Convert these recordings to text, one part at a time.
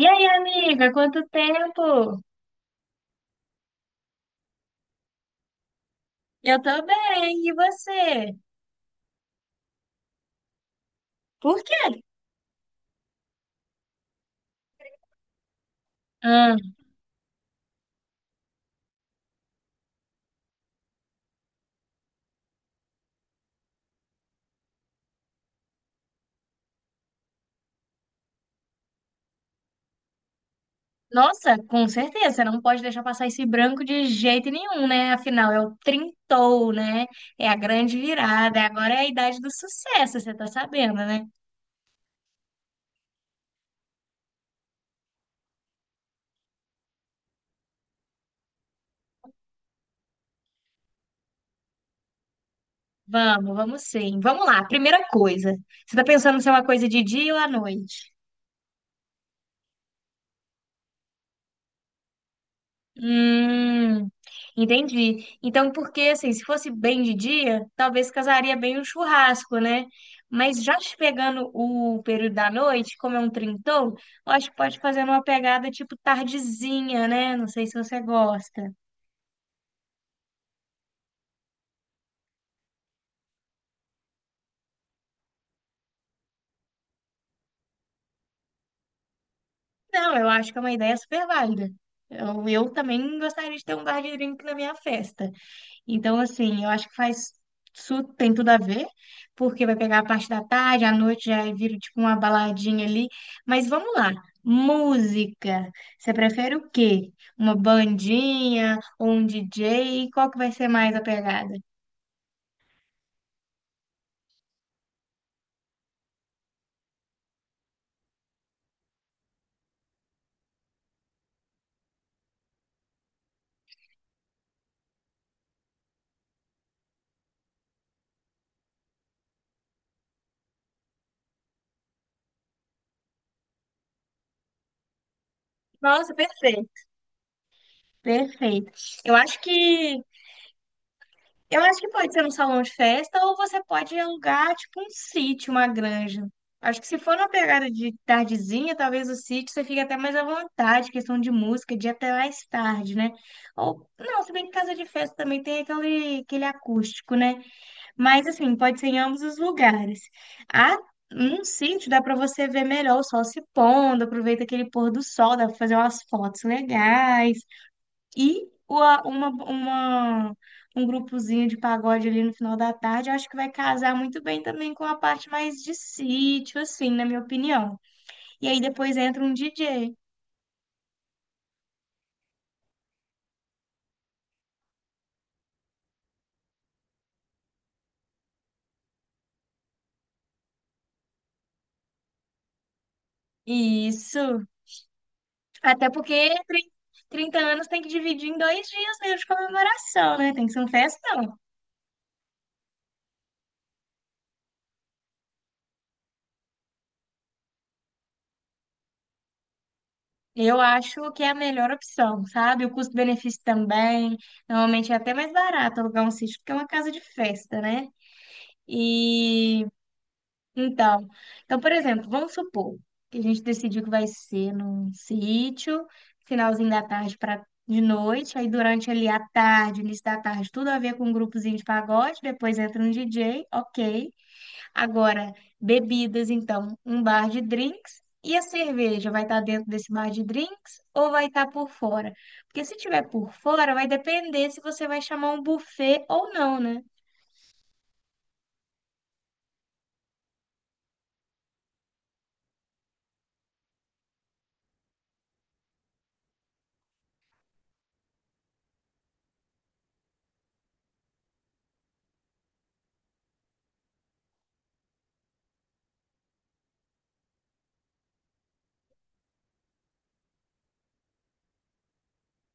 E aí, amiga, quanto tempo? Eu tô bem, e você? Por quê? Ah, nossa, com certeza, você não pode deixar passar esse branco de jeito nenhum, né? Afinal, é o trintou, né? É a grande virada, agora é a idade do sucesso, você tá sabendo, né? Vamos, vamos sim. Vamos lá, primeira coisa. Você tá pensando se é uma coisa de dia ou à noite? Hum, entendi. Então, porque assim, se fosse bem de dia, talvez casaria bem o churrasco, né? Mas já te pegando o período da noite, como é um trintão, eu acho que pode fazer uma pegada tipo tardezinha, né? Não sei se você gosta. Não, eu acho que é uma ideia super válida. Eu também gostaria de ter um bar de drink na minha festa. Então, assim, eu acho que faz isso tem tudo a ver, porque vai pegar a parte da tarde, à noite já vira tipo uma baladinha ali. Mas vamos lá, música. Você prefere o quê? Uma bandinha ou um DJ? Qual que vai ser mais a pegada? Nossa, perfeito. Perfeito. Eu acho que Eu acho que pode ser um salão de festa ou você pode alugar, tipo, um sítio, uma granja. Acho que se for uma pegada de tardezinha, talvez o sítio você fique até mais à vontade, questão de música, de ir até mais tarde, né? Ou, não, se bem que casa de festa também tem aquele, aquele acústico, né? Mas, assim, pode ser em ambos os lugares. Ah, num sítio dá para você ver melhor o sol se pondo, aproveita aquele pôr do sol, dá para fazer umas fotos legais e um grupozinho de pagode ali no final da tarde, eu acho que vai casar muito bem também com a parte mais de sítio, assim, na minha opinião. E aí depois entra um DJ. Isso. Até porque 30 anos tem que dividir em 2 dias mesmo de comemoração, né? Tem que ser um festão. Eu acho que é a melhor opção, sabe? O custo-benefício também. Normalmente é até mais barato alugar um sítio, porque é uma casa de festa, né? E Então, então, por exemplo, vamos supor que a gente decidiu que vai ser num sítio, finalzinho da tarde para de noite, aí durante ali a tarde, início da tarde, tudo a ver com um grupozinho de pagode, depois entra um DJ, ok. Agora, bebidas, então, um bar de drinks. E a cerveja vai estar dentro desse bar de drinks ou vai estar por fora? Porque se tiver por fora, vai depender se você vai chamar um buffet ou não, né?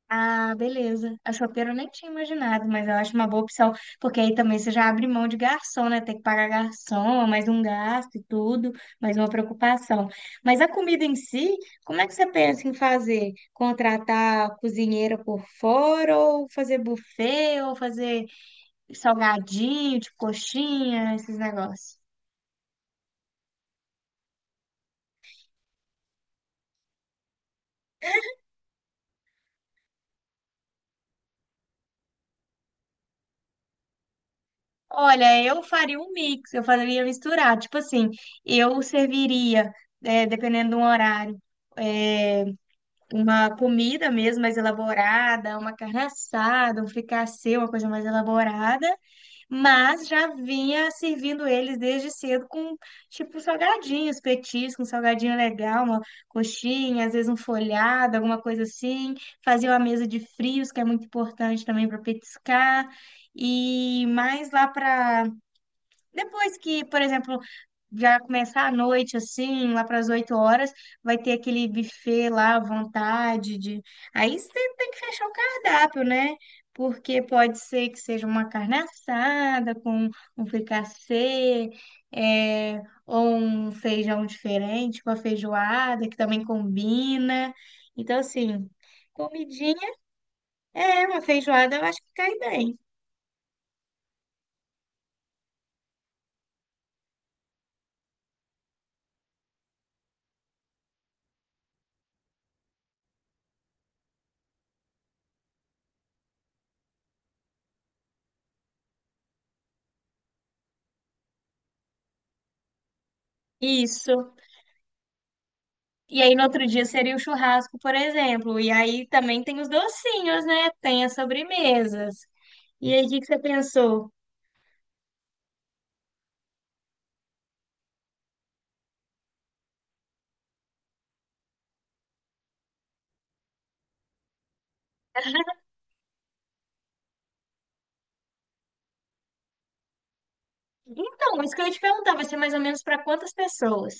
Ah, beleza. A chopeira eu nem tinha imaginado, mas eu acho uma boa opção, porque aí também você já abre mão de garçom, né? Tem que pagar garçom, é mais um gasto e tudo, mais uma preocupação. Mas a comida em si, como é que você pensa em fazer? Contratar cozinheira por fora, ou fazer buffet, ou fazer salgadinho, tipo coxinha, esses negócios? Olha, eu faria um mix, eu faria misturar. Tipo assim, eu serviria, dependendo do horário, uma comida mesmo mais elaborada, uma carne assada, um fricassê, uma coisa mais elaborada, mas já vinha servindo eles desde cedo com tipo salgadinhos, petiscos, um salgadinho legal, uma coxinha, às vezes um folhado, alguma coisa assim. Fazia uma mesa de frios, que é muito importante também para petiscar. E mais lá para depois que, por exemplo, já começar a noite, assim, lá para as 8 horas, vai ter aquele buffet lá à vontade de... Aí você tem que fechar o cardápio, né? Porque pode ser que seja uma carne assada com um fricassê, é, ou um feijão diferente, uma feijoada que também combina. Então, assim, comidinha é uma feijoada, eu acho que cai bem. Isso. E aí, no outro dia seria o churrasco, por exemplo. E aí também tem os docinhos, né? Tem as sobremesas. E aí, o que que você pensou? Então, isso que eu ia te perguntar, vai ser mais ou menos para quantas pessoas?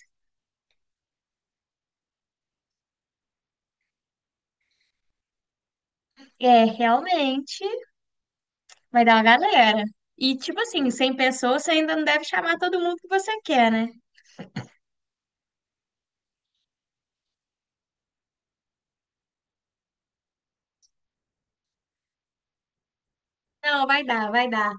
É, realmente, vai dar uma galera. E, tipo assim, 100 pessoas, você ainda não deve chamar todo mundo que você quer, né? Não, vai dar, vai dar.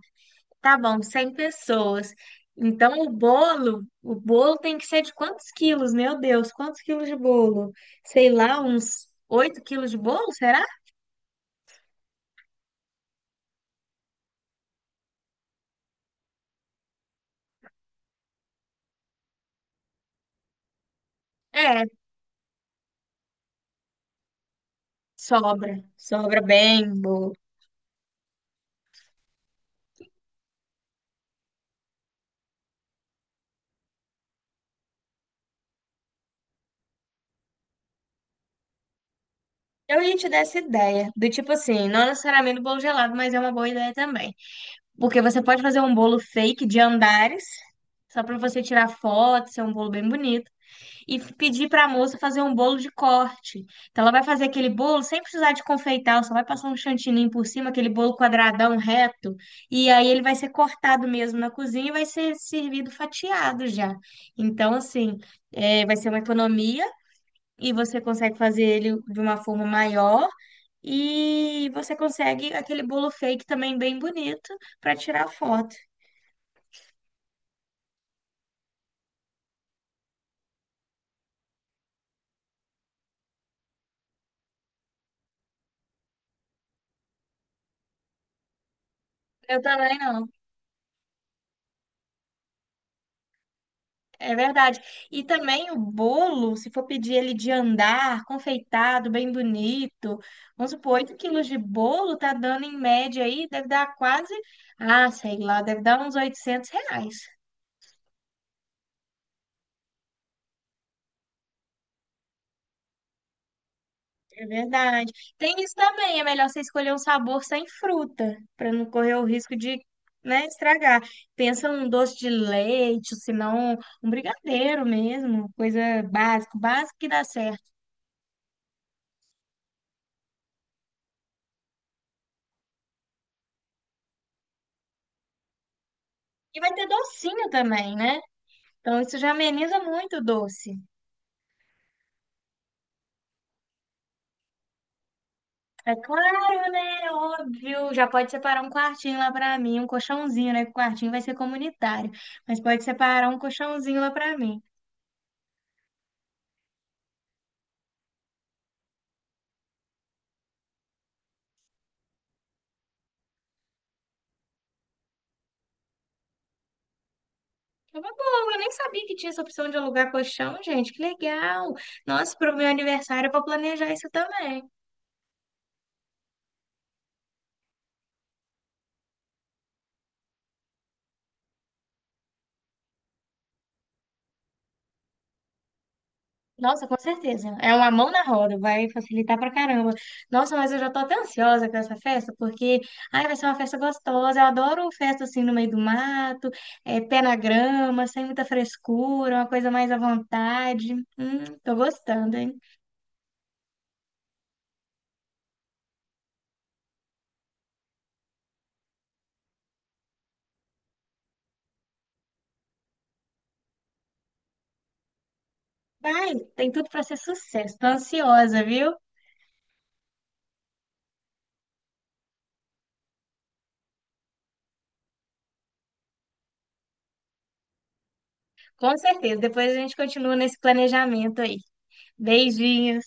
Tá bom, 100 pessoas. Então, o bolo tem que ser de quantos quilos? Meu Deus, quantos quilos de bolo? Sei lá, uns 8 quilos de bolo, será? É, sobra. Sobra bem, boa. Eu ia te dar essa ideia, do tipo assim, não necessariamente bolo gelado, mas é uma boa ideia também. Porque você pode fazer um bolo fake de andares, só pra você tirar foto, ser um bolo bem bonito, e pedir pra moça fazer um bolo de corte. Então ela vai fazer aquele bolo sem precisar de confeitar, ela só vai passar um chantininho por cima, aquele bolo quadradão reto, e aí ele vai ser cortado mesmo na cozinha e vai ser servido fatiado já. Então, assim, é, vai ser uma economia e você consegue fazer ele de uma forma maior e você consegue aquele bolo fake também bem bonito para tirar foto. Eu também não. É verdade. E também o bolo, se for pedir ele de andar, confeitado, bem bonito, vamos supor, 8 quilos de bolo tá dando em média aí, deve dar quase, ah, sei lá, deve dar uns R$ 800. É verdade. Tem isso também, é melhor você escolher um sabor sem fruta, para não correr o risco de, né, estragar. Pensa num doce de leite, ou se não, um brigadeiro mesmo, coisa básica, básica que dá certo. E vai ter docinho também, né? Então isso já ameniza muito o doce. É claro, né? Óbvio. Já pode separar um quartinho lá para mim, um colchãozinho, né? Que o quartinho vai ser comunitário, mas pode separar um colchãozinho lá para mim. É uma boa, eu nem sabia que tinha essa opção de alugar colchão, gente. Que legal! Nossa, pro meu aniversário eu vou planejar isso também. Nossa, com certeza. É uma mão na roda, vai facilitar pra caramba. Nossa, mas eu já tô até ansiosa com essa festa, porque ai, vai ser uma festa gostosa. Eu adoro festa assim no meio do mato, é, pé na grama, sem muita frescura, uma coisa mais à vontade. Tô gostando, hein? Vai, tem tudo pra ser sucesso. Tô ansiosa, viu? Com certeza. Depois a gente continua nesse planejamento aí. Beijinho.